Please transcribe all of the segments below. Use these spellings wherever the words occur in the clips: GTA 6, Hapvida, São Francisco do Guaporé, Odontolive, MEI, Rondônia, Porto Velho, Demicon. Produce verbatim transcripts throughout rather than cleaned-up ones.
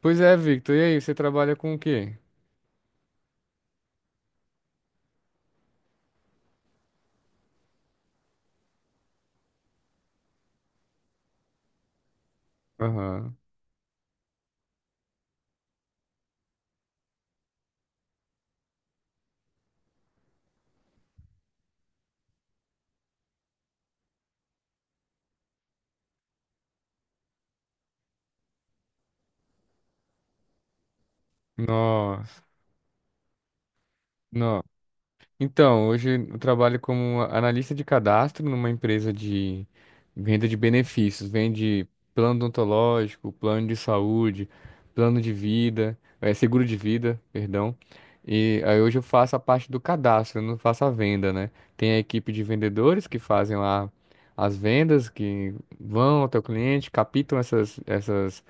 Pois é, Victor. E aí, você trabalha com o quê? Aham. Nossa. Não. Então, hoje eu trabalho como analista de cadastro numa empresa de venda de benefícios. Vende plano odontológico, plano de saúde, plano de vida, é, seguro de vida, perdão. E aí hoje eu faço a parte do cadastro, eu não faço a venda, né? Tem a equipe de vendedores que fazem lá as vendas, que vão até o cliente, captam essas, essas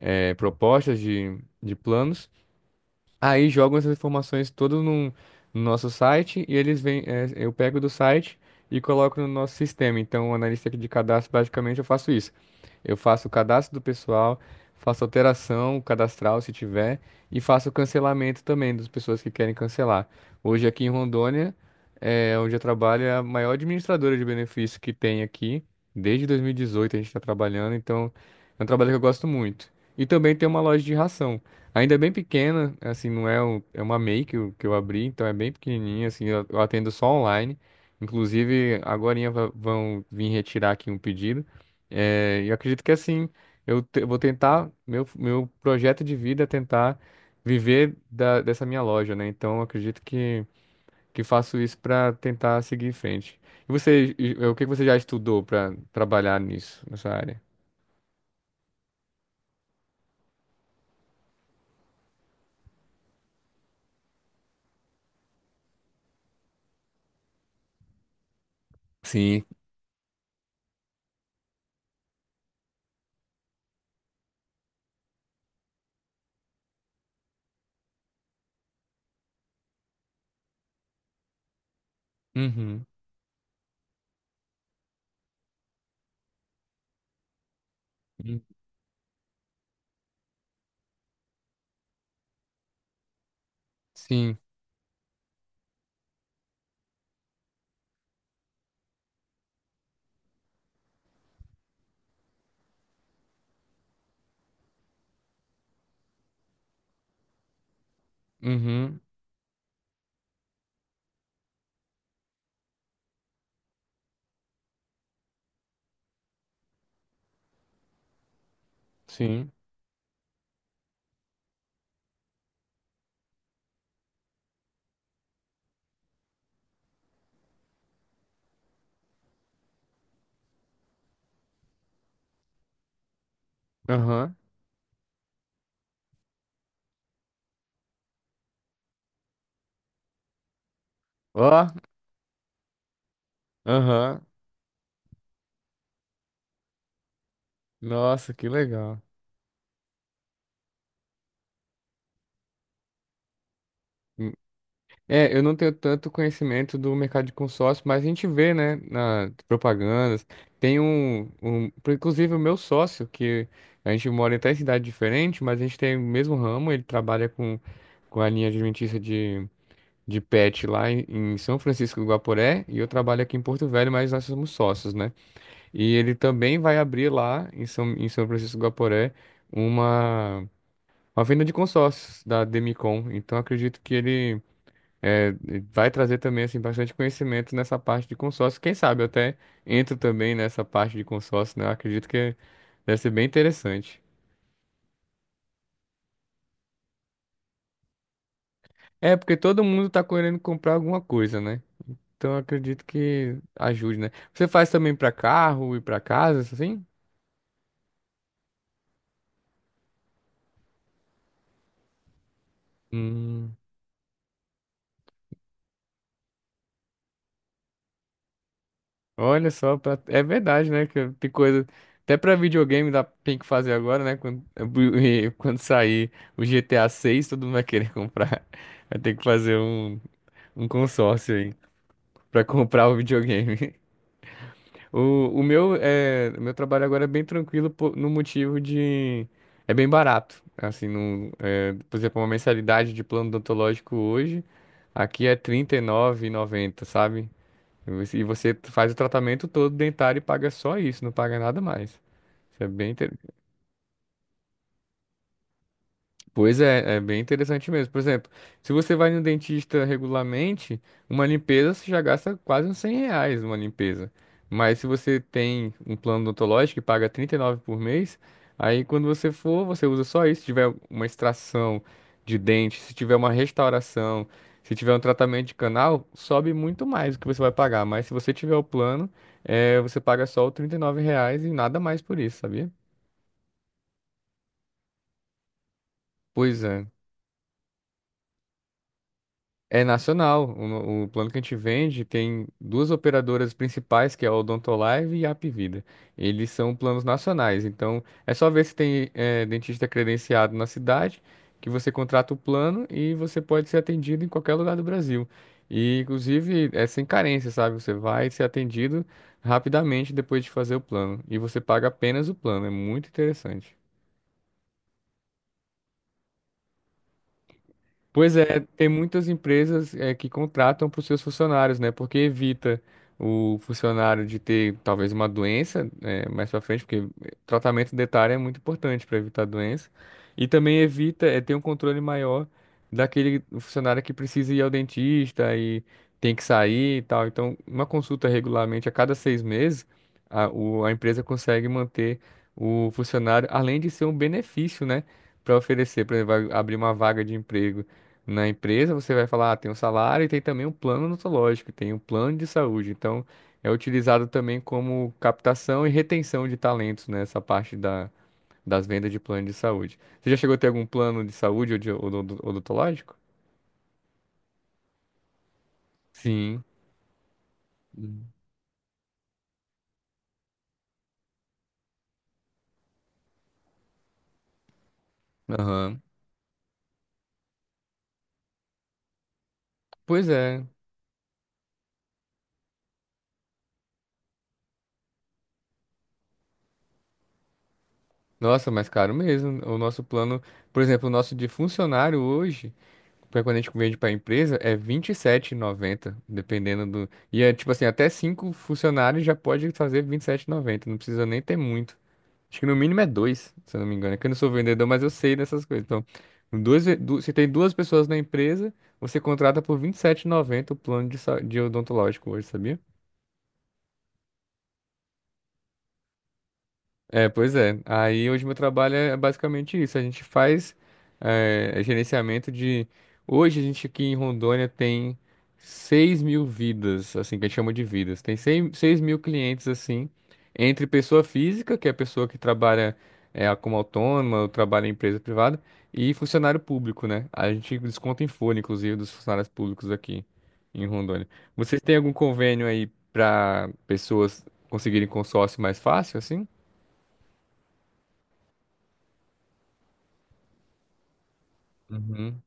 é, propostas de, de planos. Aí jogam essas informações todas num- no nosso site e eles vêm, é, eu pego do site e coloco no nosso sistema. Então, o analista de cadastro, basicamente, eu faço isso. Eu faço o cadastro do pessoal, faço alteração cadastral, se tiver, e faço o cancelamento também das pessoas que querem cancelar. Hoje, aqui em Rondônia, é, onde eu trabalho, é a maior administradora de benefícios que tem aqui. Desde dois mil e dezoito a gente está trabalhando, então é um trabalho que eu gosto muito. E também tem uma loja de ração. Ainda é bem pequena, assim, não é, um- é uma MEI que eu, que eu abri, então é bem pequenininha, assim, eu, eu atendo só online. Inclusive, agorinha va- vão vir retirar aqui um pedido. É, e eu acredito que, assim, eu te- vou tentar, meu, meu projeto de vida é tentar viver da, dessa minha loja, né? Então, eu acredito que, que faço isso para tentar seguir em frente. E você, e- o que que você já estudou para trabalhar nisso, nessa área? Sim. Uhum. Sim. Uhum. Sim. Aham. Ó, aham. Nossa, que legal. Hum. É, eu não tenho tanto conhecimento do mercado de consórcio, mas a gente vê, né, nas propagandas. Tem um, um, inclusive o meu sócio, que a gente mora em três cidade diferente, mas a gente tem o mesmo ramo, ele trabalha com, com a linha alimentícia de, de pet lá em, em São Francisco do Guaporé, e eu trabalho aqui em Porto Velho, mas nós somos sócios, né? E ele também vai abrir lá em São, em São Francisco do Guaporé uma. Uma venda de consórcios da Demicon. Então, acredito que ele é, vai trazer também assim, bastante conhecimento nessa parte de consórcio. Quem sabe eu até entro também nessa parte de consórcio, né? Eu acredito que deve ser bem interessante. É, porque todo mundo tá querendo comprar alguma coisa, né? Então, eu acredito que ajude, né? Você faz também para carro e para casa, assim? Hum. Olha só, pra- é verdade, né? Que tem coisa. Até pra videogame dá. Tem que fazer agora, né? Quando. E quando sair o G T A seis, todo mundo vai querer comprar. Vai ter que fazer um, um consórcio aí pra comprar o videogame. O, o meu, é... o meu trabalho agora é bem tranquilo po- no motivo de. É bem barato. Assim, no... é, por exemplo, uma mensalidade de plano odontológico hoje, aqui é trinta e nove reais e noventa centavos, sabe? E você faz o tratamento todo dentário e paga só isso, não paga nada mais. Isso é bem. Pois é, é bem interessante mesmo. Por exemplo, se você vai no dentista regularmente, uma limpeza você já gasta quase uns cem reais uma limpeza. Mas se você tem um plano odontológico que paga trinta e nove por mês, aí quando você for, você usa só isso. Se tiver uma extração de dente, se tiver uma restauração, se tiver um tratamento de canal, sobe muito mais o que você vai pagar. Mas se você tiver o plano, eh, você paga só o trinta e nove reais e nada mais por isso, sabia? Pois é. É nacional. O, o plano que a gente vende tem duas operadoras principais, que é a Odontolive e a Hapvida. Eles são planos nacionais, então é só ver se tem eh, dentista credenciado na cidade, que você contrata o plano e você pode ser atendido em qualquer lugar do Brasil. E, inclusive, é sem carência, sabe? Você vai ser atendido rapidamente depois de fazer o plano. E você paga apenas o plano. É muito interessante. Pois é, tem muitas empresas é, que contratam para os seus funcionários, né? Porque evita o funcionário de ter talvez uma doença né, mais para frente, porque tratamento dentário é muito importante para evitar doença. E também evita é, ter um controle maior daquele funcionário que precisa ir ao dentista e tem que sair e tal. Então, uma consulta regularmente a cada seis meses, a, o- a empresa consegue manter o funcionário, além de ser um benefício, né? Para oferecer, por exemplo, vai abrir uma vaga de emprego na empresa, você vai falar, ah, tem um salário e tem também um plano odontológico, tem um plano de saúde. Então, é utilizado também como captação e retenção de talentos nessa parte da, das vendas de plano de saúde. Você já chegou a ter algum plano de saúde ou de odo- odontológico? Sim. Hum. Aham. Pois é. Nossa, mas caro mesmo. O nosso plano, por exemplo, o nosso de funcionário hoje. Porque quando a gente vende para a empresa, é vinte e sete reais e noventa centavos, dependendo do. E é tipo assim, até cinco funcionários já pode fazer vinte e sete reais e noventa centavos, não precisa nem ter muito. Acho que no mínimo é dois, se eu não me engano. É que eu não sou vendedor, mas eu sei dessas coisas. Então, duas, ve- du- se tem duas pessoas na empresa, você contrata por vinte e sete reais e noventa centavos o plano de, sa- de odontológico hoje, sabia? É, pois é. Aí hoje meu trabalho é basicamente isso. A gente faz eh, é, gerenciamento de. Hoje a gente aqui em Rondônia tem seis mil vidas, assim, que a gente chama de vidas. Tem seis seis mil clientes, assim, entre pessoa física, que é a pessoa que trabalha eh, como autônoma, ou trabalha em empresa privada, e funcionário público, né? A gente desconta em folha, inclusive, dos funcionários públicos aqui em Rondônia. Vocês têm algum convênio aí para pessoas conseguirem consórcio mais fácil, assim? Uhum.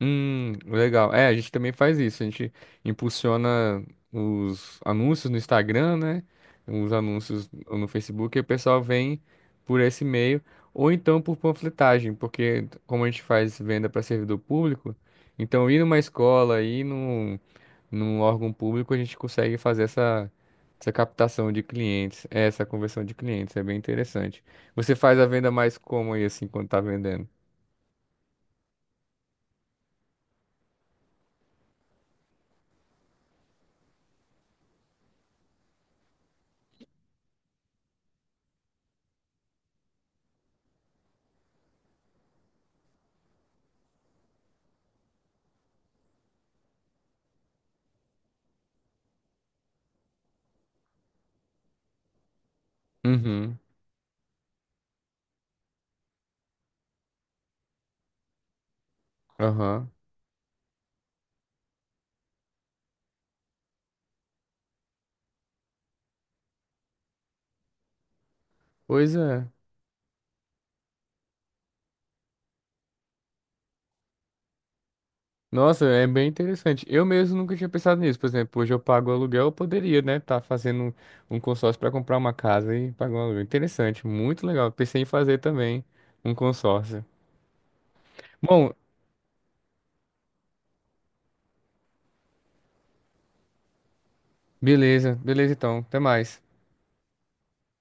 Hum, legal. É, a gente também faz isso. A gente impulsiona os anúncios no Instagram, né? Os anúncios no Facebook, e o pessoal vem por esse meio, ou então por panfletagem, porque como a gente faz venda para servidor público, então ir numa escola, ir num, num órgão público, a gente consegue fazer essa, essa captação de clientes, é, essa conversão de clientes. É bem interessante. Você faz a venda mais como aí, assim, quando tá vendendo? Uhum. Aham. Pois é. Nossa, é bem interessante. Eu mesmo nunca tinha pensado nisso. Por exemplo, hoje eu pago aluguel, eu poderia, né, tá fazendo um um consórcio para comprar uma casa e pagar um aluguel. Interessante, muito legal. Pensei em fazer também um consórcio. Bom, beleza, beleza então. Até mais.